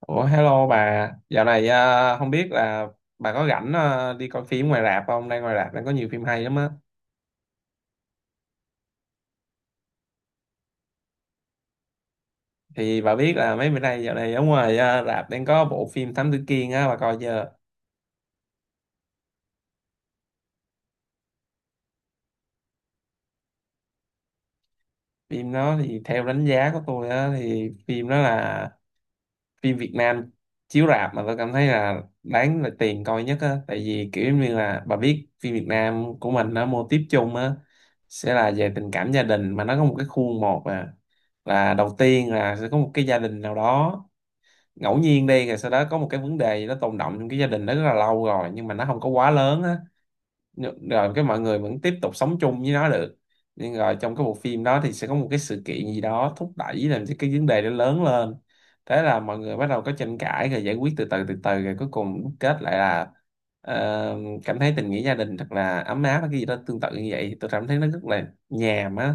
Ủa, hello bà, dạo này không biết là bà có rảnh, đi coi phim ngoài rạp không? Đang ngoài rạp đang có nhiều phim hay lắm á. Thì bà biết là mấy bữa nay dạo này ở ngoài, rạp đang có bộ phim Thám Tử Kiên á, bà coi chưa? Phim đó thì theo đánh giá của tôi á thì phim đó là phim Việt Nam chiếu rạp mà tôi cảm thấy là đáng là tiền coi nhất á, tại vì kiểu như là bà biết phim Việt Nam của mình nó mô típ chung á sẽ là về tình cảm gia đình, mà nó có một cái khuôn, một à là đầu tiên là sẽ có một cái gia đình nào đó ngẫu nhiên đi, rồi sau đó có một cái vấn đề gì đó tồn đọng trong cái gia đình đó rất là lâu rồi nhưng mà nó không có quá lớn á, rồi cái mọi người vẫn tiếp tục sống chung với nó được, nhưng rồi trong cái bộ phim đó thì sẽ có một cái sự kiện gì đó thúc đẩy làm cho cái vấn đề nó lớn lên. Thế là mọi người bắt đầu có tranh cãi rồi giải quyết từ từ từ từ, rồi cuối cùng đúc kết lại là ờ, cảm thấy tình nghĩa gia đình thật là ấm áp hay cái gì đó tương tự như vậy, tôi cảm thấy nó rất là nhàm á.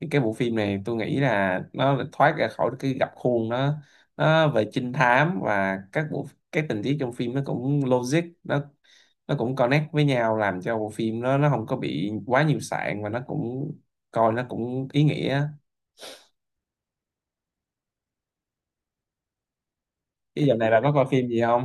Thì cái bộ phim này tôi nghĩ là nó thoát ra khỏi cái gập khuôn, nó về trinh thám, và các bộ các tình tiết trong phim nó cũng logic, nó cũng connect với nhau, làm cho bộ phim nó không có bị quá nhiều sạn, và nó cũng coi nó cũng ý nghĩa. Cái giờ này bà có coi phim gì không?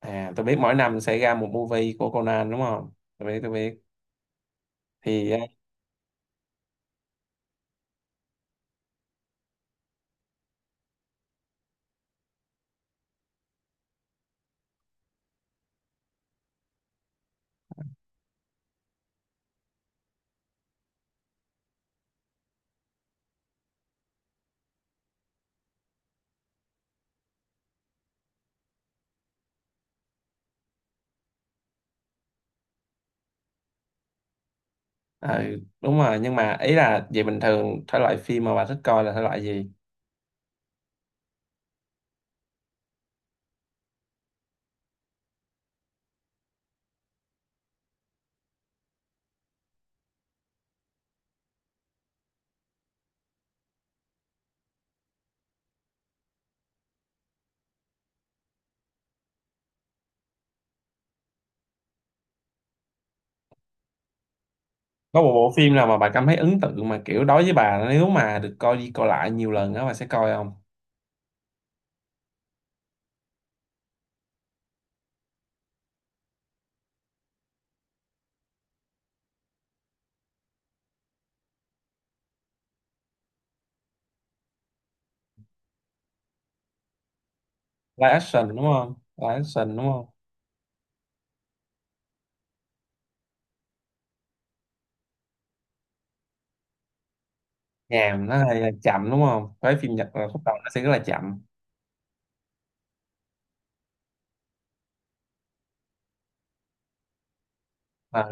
À, tôi biết mỗi năm sẽ ra một movie của Conan đúng không, tôi biết. Thì ờ, đúng rồi, nhưng mà ý là về bình thường thể loại phim mà bà thích coi là thể loại gì? Có một bộ phim nào mà bà cảm thấy ấn tượng mà kiểu đối với bà, nếu mà được coi đi coi lại nhiều lần đó bà sẽ coi không? Live action đúng không, live action đúng không? Nhàm, nó hơi chậm đúng không, với phim Nhật là khúc đầu nó sẽ rất là chậm. Ờ,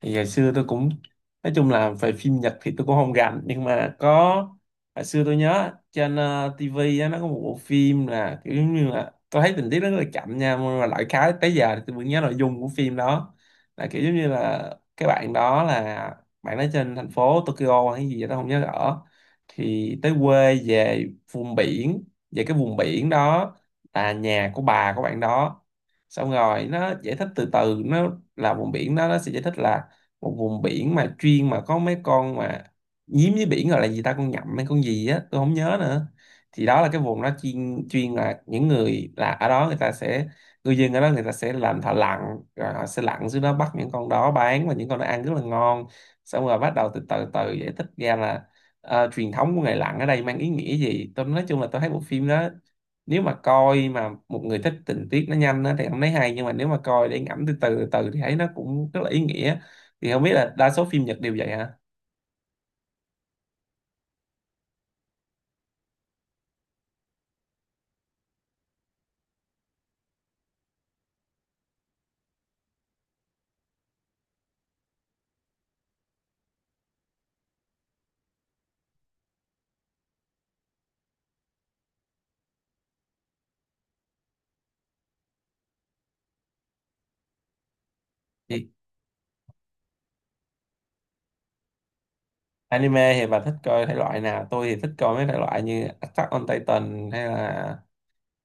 thì ngày xưa tôi cũng nói chung là về phim Nhật thì tôi cũng không rành, nhưng mà có hồi xưa tôi nhớ trên TV á, nó có một bộ phim là kiểu giống như là tôi thấy tình tiết nó rất là chậm nha, nhưng mà lại khá tới giờ thì tôi vẫn nhớ nội dung của phim đó, là kiểu giống như là cái bạn đó là bạn đó trên thành phố Tokyo hay gì đó không nhớ rõ, thì tới quê về vùng biển, về cái vùng biển đó là nhà của bà của bạn đó. Xong rồi nó giải thích từ từ, nó là vùng biển đó nó sẽ giải thích là một vùng biển mà chuyên mà có mấy con mà nhím với biển, gọi là gì ta, con nhậm hay con gì á tôi không nhớ nữa. Thì đó là cái vùng đó chuyên chuyên là những người là ở đó người ta sẽ, người dân ở đó người ta sẽ làm thợ lặn, rồi họ sẽ lặn xuống đó bắt những con đó bán, và những con đó ăn rất là ngon. Xong rồi bắt đầu từ từ từ giải thích ra là truyền thống của nghề lặn ở đây mang ý nghĩa gì. Tôi nói chung là tôi thấy bộ phim đó, nếu mà coi mà một người thích tình tiết nó nhanh á thì không thấy hay, nhưng mà nếu mà coi để ngẫm từ từ từ thì thấy nó cũng rất là ý nghĩa. Thì không biết là đa số phim Nhật đều vậy hả? Thì anime thì bà thích coi thể loại nào? Tôi thì thích coi mấy thể loại như Attack on Titan hay là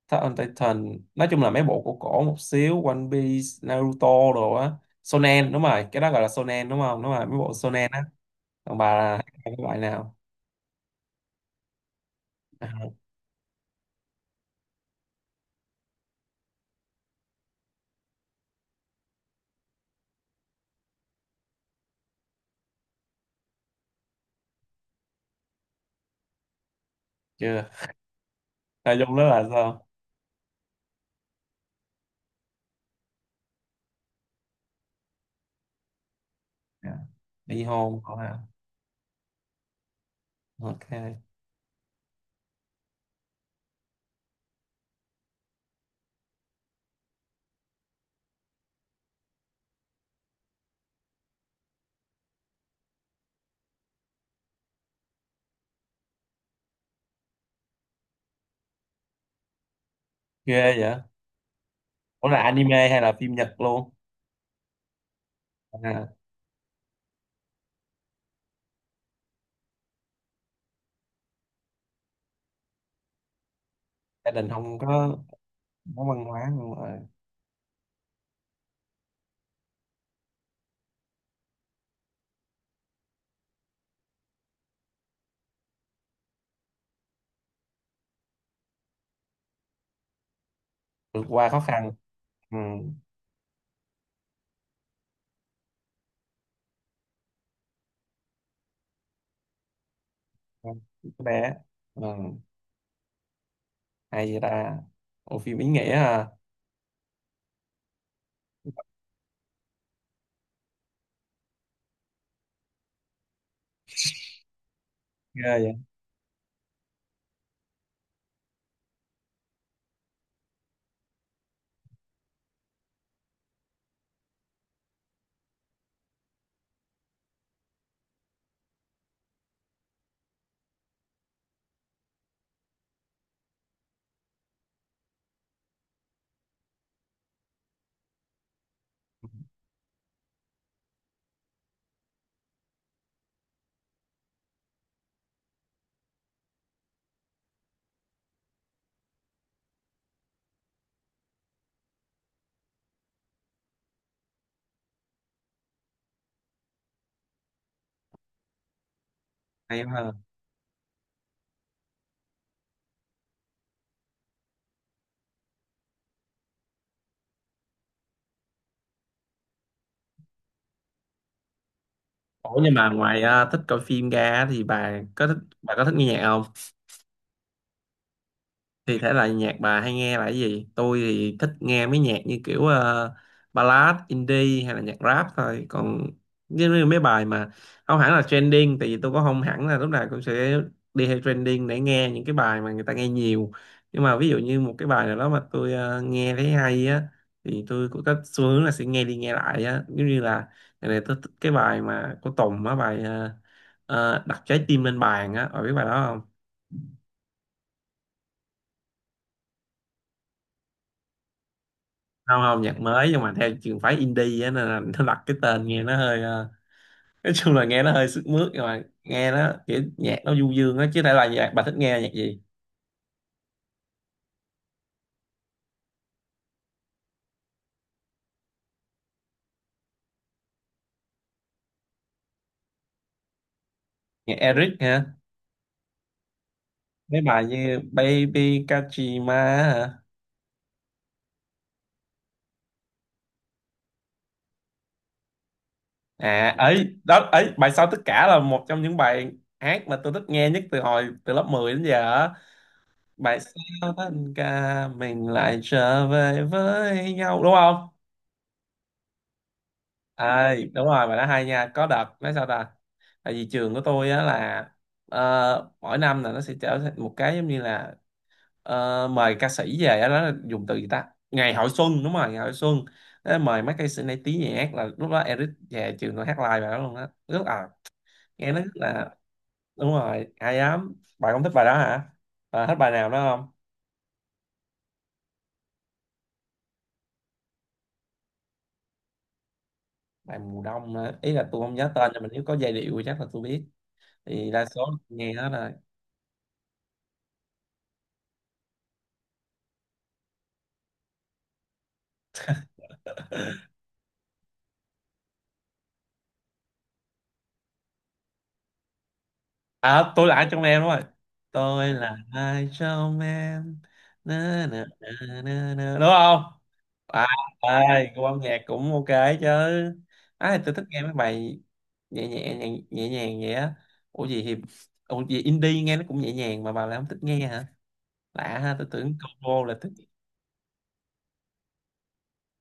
Attack on Titan, nói chung là mấy bộ cổ cổ một xíu, One Piece, Naruto đồ á. Shonen, đúng rồi cái đó gọi là Shonen đúng không, đúng rồi mấy bộ Shonen á. Còn bà là hay coi cái loại nào? À, chưa, nội dung đó là sao? Dạ. Ly hôn hả? À, ok. Ghê vậy. Ủa là anime hay là phim Nhật luôn? À, gia đình không có, có văn hóa, nhưng mà vượt qua khó khăn. Ừ. Con bé. Ừ. Hay vậy ta. Ủa phim ý nghĩa à. Ghê vậy. Hay quá ha. Ủa nhưng mà ngoài, thích coi phim ra thì bà có thích nghe nhạc không? Thì thể loại nhạc bà hay nghe là cái gì? Tôi thì thích nghe mấy nhạc như kiểu ballad, indie hay là nhạc rap thôi, còn như như mấy bài mà không hẳn là trending, tại vì tôi cũng không hẳn là lúc nào cũng sẽ đi theo trending để nghe những cái bài mà người ta nghe nhiều, nhưng mà ví dụ như một cái bài nào đó mà tôi nghe thấy hay á thì tôi cũng có xu hướng là sẽ nghe đi nghe lại á, giống như là ngày này tôi thích cái bài mà của Tùng á, bài đặt trái tim lên bàn á, bà biết bài đó không? Không không, nhạc mới nhưng mà theo trường phái indie á, nên là nó đặt cái tên nghe nó hơi nói chung là nghe nó hơi sức mướt, nhưng mà nghe nó kiểu nhạc nó du dương á chứ, thể là nhạc bà thích nghe nhạc gì? Nhạc Eric hả, mấy bài như Baby Kajima, hả? À, ấy đó ấy, bài sau tất cả là một trong những bài hát mà tôi thích nghe nhất từ hồi từ lớp 10 đến giờ á. Bài sau tất cả mình lại trở về với nhau đúng không? À, đúng rồi, mà nó hay nha, có đợt nói sao ta, tại vì trường của tôi á là mỗi năm là nó sẽ trở thành một cái giống như là mời ca sĩ về á, đó là dùng từ gì ta, ngày hội xuân, đúng rồi ngày hội xuân. Nó mời mấy ca sĩ nổi tiếng nhà hát, là lúc đó Eric về trường tôi hát live bài đó luôn á, rất à nghe nó rất là, đúng rồi hay lắm, bạn không thích bài đó hả? Bạn thích bài nào đó không? Bài mùa đông á, ý là tôi không nhớ tên, nhưng mà nếu có giai điệu thì chắc là tôi biết. Thì đa số nghe đó. À, tôi là ai trong em, đúng rồi. Tôi là ai trong em. Na, na, na, na, na. Đúng không? À, ai, cô âm nhạc cũng ok chứ. À, tôi thích nghe mấy bài nhẹ nhẹ nhẹ, nhẹ nhàng vậy á. Ủa gì thì, ủa gì indie nghe nó cũng nhẹ nhàng mà bà lại không thích nghe hả? Lạ ha, tôi tưởng cô là thích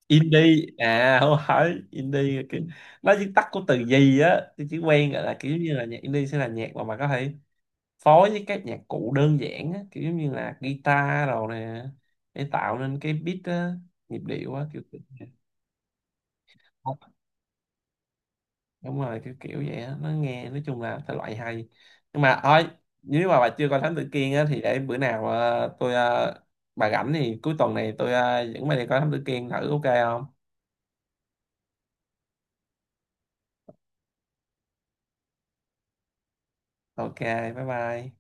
indie. À, không, phải indie là kiểu nó viết tắt của từ gì á. Tôi chỉ quen gọi là kiểu như là nhạc indie sẽ là nhạc mà bà có thể phối với các nhạc cụ đơn giản á, kiểu giống như là guitar rồi nè, để tạo nên cái beat á, nhịp điệu á kiểu. Đúng rồi kiểu kiểu vậy á, nó nghe nói chung là thể loại hay, nhưng mà thôi, nếu mà bà chưa coi Thám Tử Kiên á thì để bữa nào tôi bà rảnh thì cuối tuần này tôi dẫn bà đi coi Thám Tử Kiên thử, ok không? Ok, bye bye.